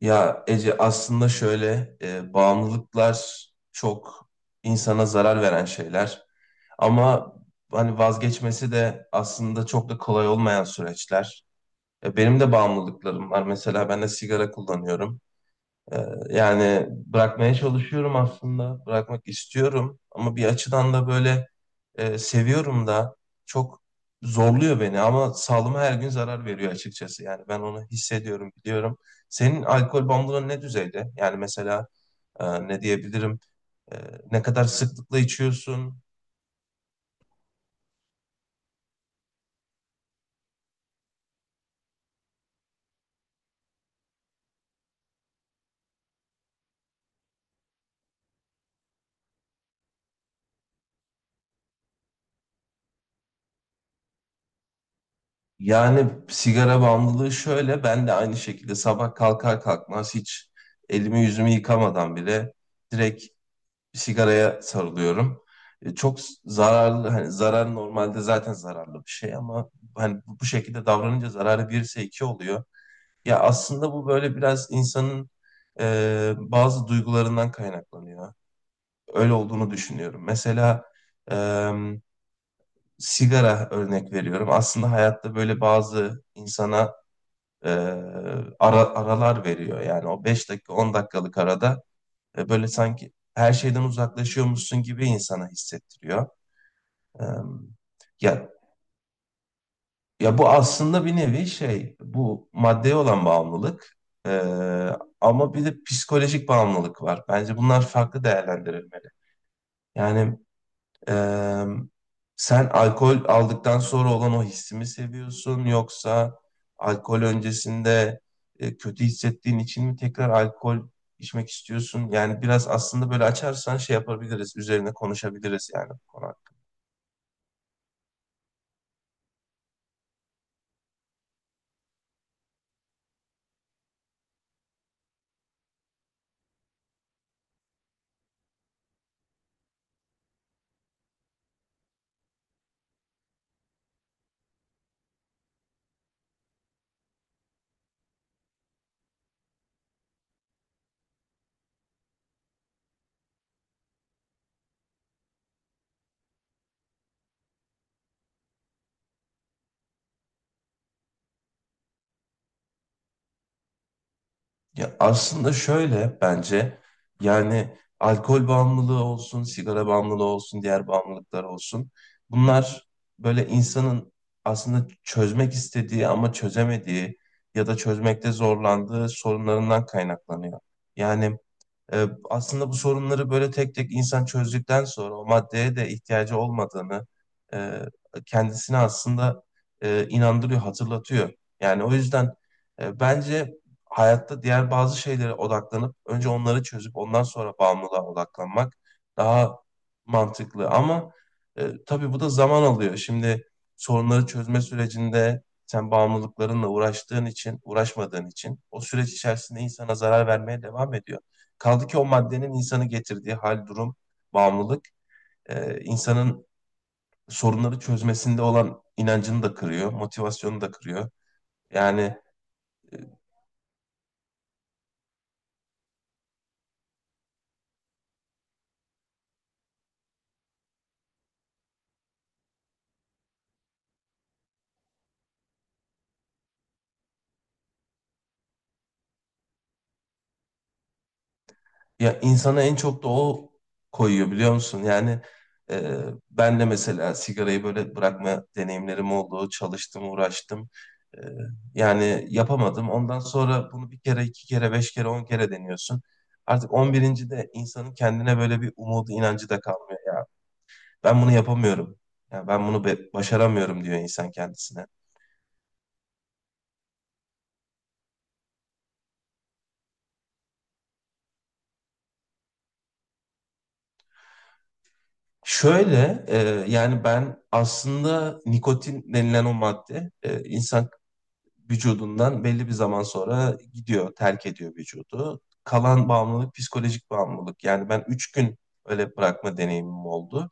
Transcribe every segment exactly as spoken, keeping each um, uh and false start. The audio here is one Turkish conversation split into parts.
Ya Ece aslında şöyle e, bağımlılıklar çok insana zarar veren şeyler, ama hani vazgeçmesi de aslında çok da kolay olmayan süreçler. E, benim de bağımlılıklarım var. Mesela ben de sigara kullanıyorum. Ee, Yani bırakmaya çalışıyorum aslında. Bırakmak istiyorum ama bir açıdan da böyle e, seviyorum da, çok zorluyor beni, ama sağlığıma her gün zarar veriyor açıkçası. Yani ben onu hissediyorum, biliyorum. Senin alkol bağımlılığın ne düzeyde? Yani mesela e, ne diyebilirim? E, Ne kadar sıklıkla içiyorsun? Yani sigara bağımlılığı şöyle, ben de aynı şekilde sabah kalkar kalkmaz hiç elimi yüzümü yıkamadan bile direkt bir sigaraya sarılıyorum. E, çok zararlı, hani zarar, normalde zaten zararlı bir şey ama hani bu bu şekilde davranınca zararı bir ise iki oluyor. Ya aslında bu böyle biraz insanın e, bazı duygularından kaynaklanıyor. Öyle olduğunu düşünüyorum. Mesela e, sigara örnek veriyorum. Aslında hayatta böyle bazı insana e, ara, aralar veriyor. Yani o beş dakika on dakikalık arada e, böyle sanki her şeyden uzaklaşıyormuşsun gibi insana hissettiriyor. E, ya ya bu aslında bir nevi şey, bu maddeye olan bağımlılık, e, ama bir de psikolojik bağımlılık var. Bence bunlar farklı değerlendirilmeli. Yani Ee, sen alkol aldıktan sonra olan o hissi mi seviyorsun, yoksa alkol öncesinde e, kötü hissettiğin için mi tekrar alkol içmek istiyorsun? Yani biraz aslında böyle açarsan şey yapabiliriz, üzerine konuşabiliriz yani bu konu. Ya aslında şöyle bence, yani alkol bağımlılığı olsun, sigara bağımlılığı olsun, diğer bağımlılıklar olsun. Bunlar böyle insanın aslında çözmek istediği ama çözemediği ya da çözmekte zorlandığı sorunlarından kaynaklanıyor. Yani ee, aslında bu sorunları böyle tek tek insan çözdükten sonra o maddeye de ihtiyacı olmadığını e, kendisine aslında e, inandırıyor, hatırlatıyor. Yani o yüzden e, bence hayatta diğer bazı şeylere odaklanıp önce onları çözüp ondan sonra bağımlılığa odaklanmak daha mantıklı. Ama e, tabii bu da zaman alıyor. Şimdi sorunları çözme sürecinde sen bağımlılıklarınla uğraştığın için, uğraşmadığın için o süreç içerisinde insana zarar vermeye devam ediyor. Kaldı ki o maddenin insanı getirdiği hal, durum, bağımlılık, e, insanın sorunları çözmesinde olan inancını da kırıyor, motivasyonunu da kırıyor. Yani e, ya insana en çok da o koyuyor, biliyor musun? Yani e, ben de mesela sigarayı böyle bırakma deneyimlerim oldu, çalıştım, uğraştım. E, Yani yapamadım. Ondan sonra bunu bir kere, iki kere, beş kere, on kere deniyorsun. Artık on birinci de insanın kendine böyle bir umudu, inancı da kalmıyor ya. Ben bunu yapamıyorum. Ya ben bunu be- başaramıyorum diyor insan kendisine. Şöyle e, yani ben aslında nikotin denilen o madde, e, insan vücudundan belli bir zaman sonra gidiyor, terk ediyor vücudu. Kalan bağımlılık psikolojik bağımlılık. Yani ben üç gün öyle bırakma deneyimim oldu.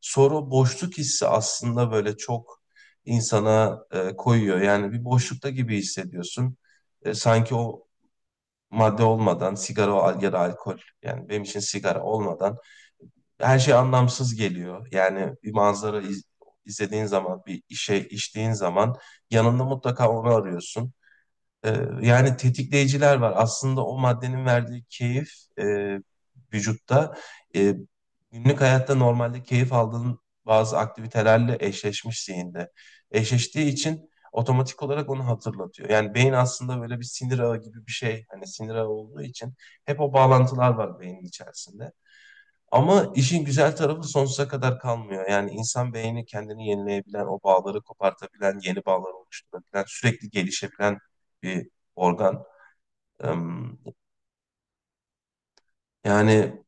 Sonra o boşluk hissi aslında böyle çok insana e, koyuyor. Yani bir boşlukta gibi hissediyorsun. E, sanki o madde olmadan, sigara ya da alkol, yani benim için sigara olmadan her şey anlamsız geliyor. Yani bir manzara iz- izlediğin zaman, bir işe içtiğin zaman yanında mutlaka onu arıyorsun. Ee, Yani tetikleyiciler var. Aslında o maddenin verdiği keyif e, vücutta, e, günlük hayatta normalde keyif aldığın bazı aktivitelerle eşleşmiş zihinde. Eşleştiği için otomatik olarak onu hatırlatıyor. Yani beyin aslında böyle bir sinir ağı gibi bir şey. Hani sinir ağı olduğu için hep o bağlantılar var beynin içerisinde. Ama işin güzel tarafı sonsuza kadar kalmıyor. Yani insan beyni kendini yenileyebilen, o bağları kopartabilen, yeni bağlar oluşturabilen, sürekli gelişebilen bir organ. Em, Yani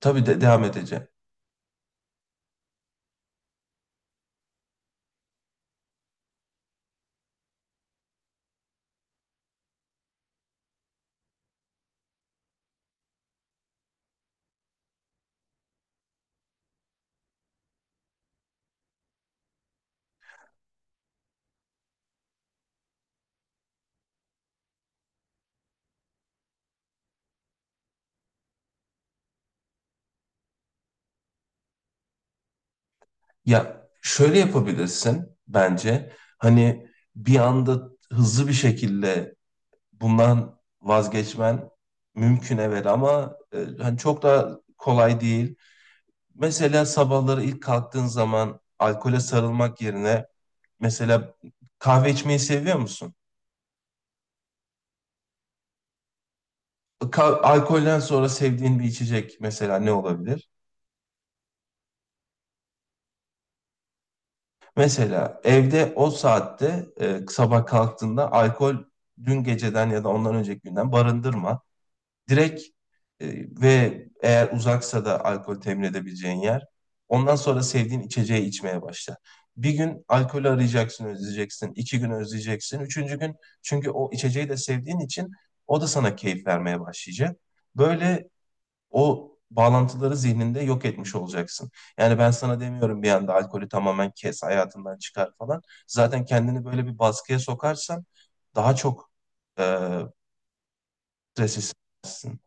tabii de devam edeceğim. Ya şöyle yapabilirsin bence. Hani bir anda hızlı bir şekilde bundan vazgeçmen mümkün evet, ama e, hani çok da kolay değil. Mesela sabahları ilk kalktığın zaman alkole sarılmak yerine, mesela kahve içmeyi seviyor musun? Ka- alkolden sonra sevdiğin bir içecek mesela ne olabilir? Mesela evde o saatte e, sabah kalktığında alkol, dün geceden ya da ondan önceki günden barındırma. Direkt, e, ve eğer uzaksa da alkol temin edebileceğin yer. Ondan sonra sevdiğin içeceği içmeye başla. Bir gün alkolü arayacaksın, özleyeceksin. İki gün özleyeceksin. Üçüncü gün, çünkü o içeceği de sevdiğin için, o da sana keyif vermeye başlayacak. Böyle o bağlantıları zihninde yok etmiş olacaksın. Yani ben sana demiyorum bir anda alkolü tamamen kes, hayatından çıkar falan. Zaten kendini böyle bir baskıya sokarsan daha çok eee stres hissedersin.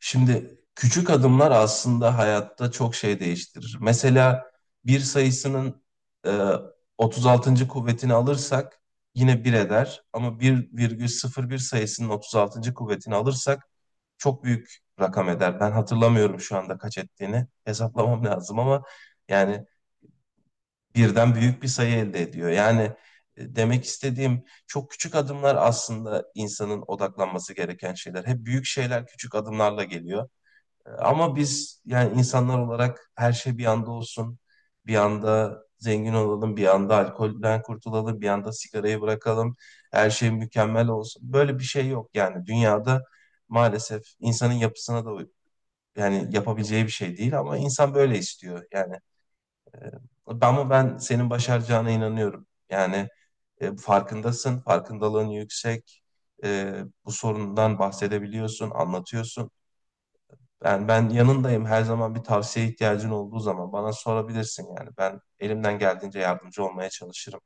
Şimdi küçük adımlar aslında hayatta çok şey değiştirir. Mesela bir sayısının eee otuz altıncı kuvvetini alırsak yine bir eder. Ama bir virgül sıfır bir sayısının otuz altıncı kuvvetini alırsak çok büyük rakam eder. Ben hatırlamıyorum şu anda kaç ettiğini. Hesaplamam lazım, ama yani birden büyük bir sayı elde ediyor. Yani e, demek istediğim çok küçük adımlar aslında insanın odaklanması gereken şeyler. Hep büyük şeyler küçük adımlarla geliyor. E, Ama biz yani insanlar olarak her şey bir anda olsun. Bir anda zengin olalım, bir anda alkolden kurtulalım, bir anda sigarayı bırakalım. Her şey mükemmel olsun. Böyle bir şey yok yani dünyada, maalesef insanın yapısına da, yani yapabileceği bir şey değil ama insan böyle istiyor. Yani e, ama ben senin başaracağına inanıyorum. Yani e, farkındasın, farkındalığın yüksek. E, Bu sorundan bahsedebiliyorsun, anlatıyorsun. Ben ben yanındayım. Her zaman bir tavsiye ihtiyacın olduğu zaman bana sorabilirsin yani. Ben elimden geldiğince yardımcı olmaya çalışırım.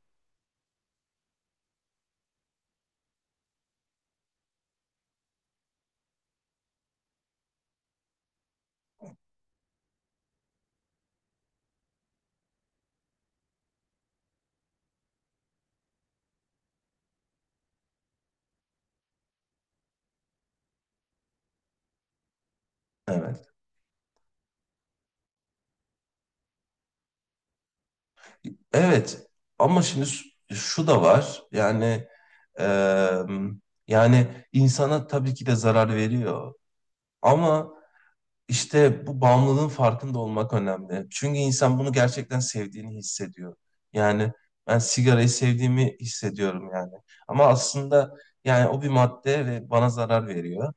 Evet. Evet. Ama şimdi şu şu da var. Yani e, yani insana tabii ki de zarar veriyor. Ama İşte bu bağımlılığın farkında olmak önemli. Çünkü insan bunu gerçekten sevdiğini hissediyor. Yani ben sigarayı sevdiğimi hissediyorum yani. Ama aslında yani o bir madde ve bana zarar veriyor.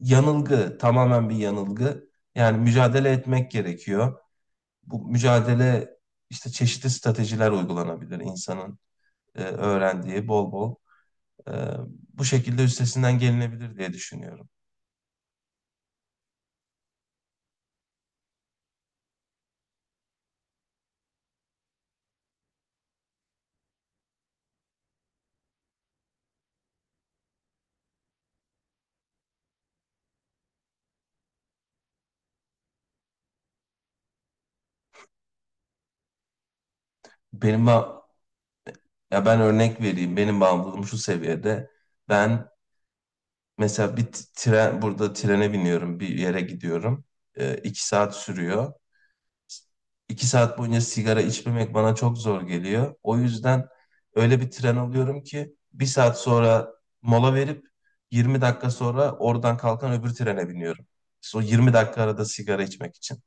Yanılgı, tamamen bir yanılgı. Yani mücadele etmek gerekiyor. Bu mücadele işte çeşitli stratejiler uygulanabilir insanın e, öğrendiği bol bol. E, Bu şekilde üstesinden gelinebilir diye düşünüyorum. Benim ba- Ya ben örnek vereyim. Benim bağımlılığım şu seviyede. Ben mesela bir t- tren, burada trene biniyorum, bir yere gidiyorum. Ee, iki saat sürüyor. İki saat boyunca sigara içmemek bana çok zor geliyor. O yüzden öyle bir tren alıyorum ki bir saat sonra mola verip yirmi dakika sonra oradan kalkan öbür trene biniyorum. İşte o yirmi dakika arada sigara içmek için.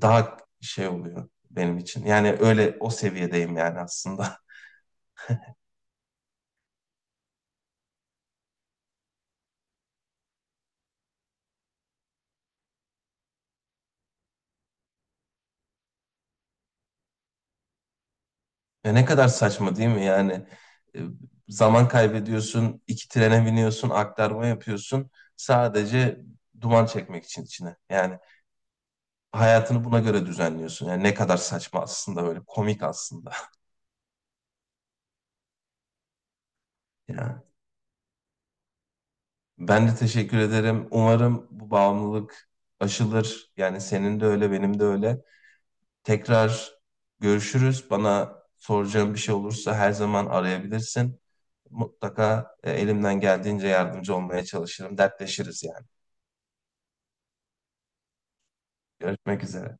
Daha şey oluyor benim için. Yani öyle o seviyedeyim yani aslında. Ya ne kadar saçma değil mi? Yani e, zaman kaybediyorsun, iki trene biniyorsun, aktarma yapıyorsun sadece duman çekmek için içine. Yani hayatını buna göre düzenliyorsun. Yani ne kadar saçma aslında, böyle komik aslında. Yani ben de teşekkür ederim. Umarım bu bağımlılık aşılır. Yani senin de öyle, benim de öyle. Tekrar görüşürüz. Bana soracağın bir şey olursa her zaman arayabilirsin. Mutlaka e, elimden geldiğince yardımcı olmaya çalışırım. Dertleşiriz yani. Görüşmek üzere.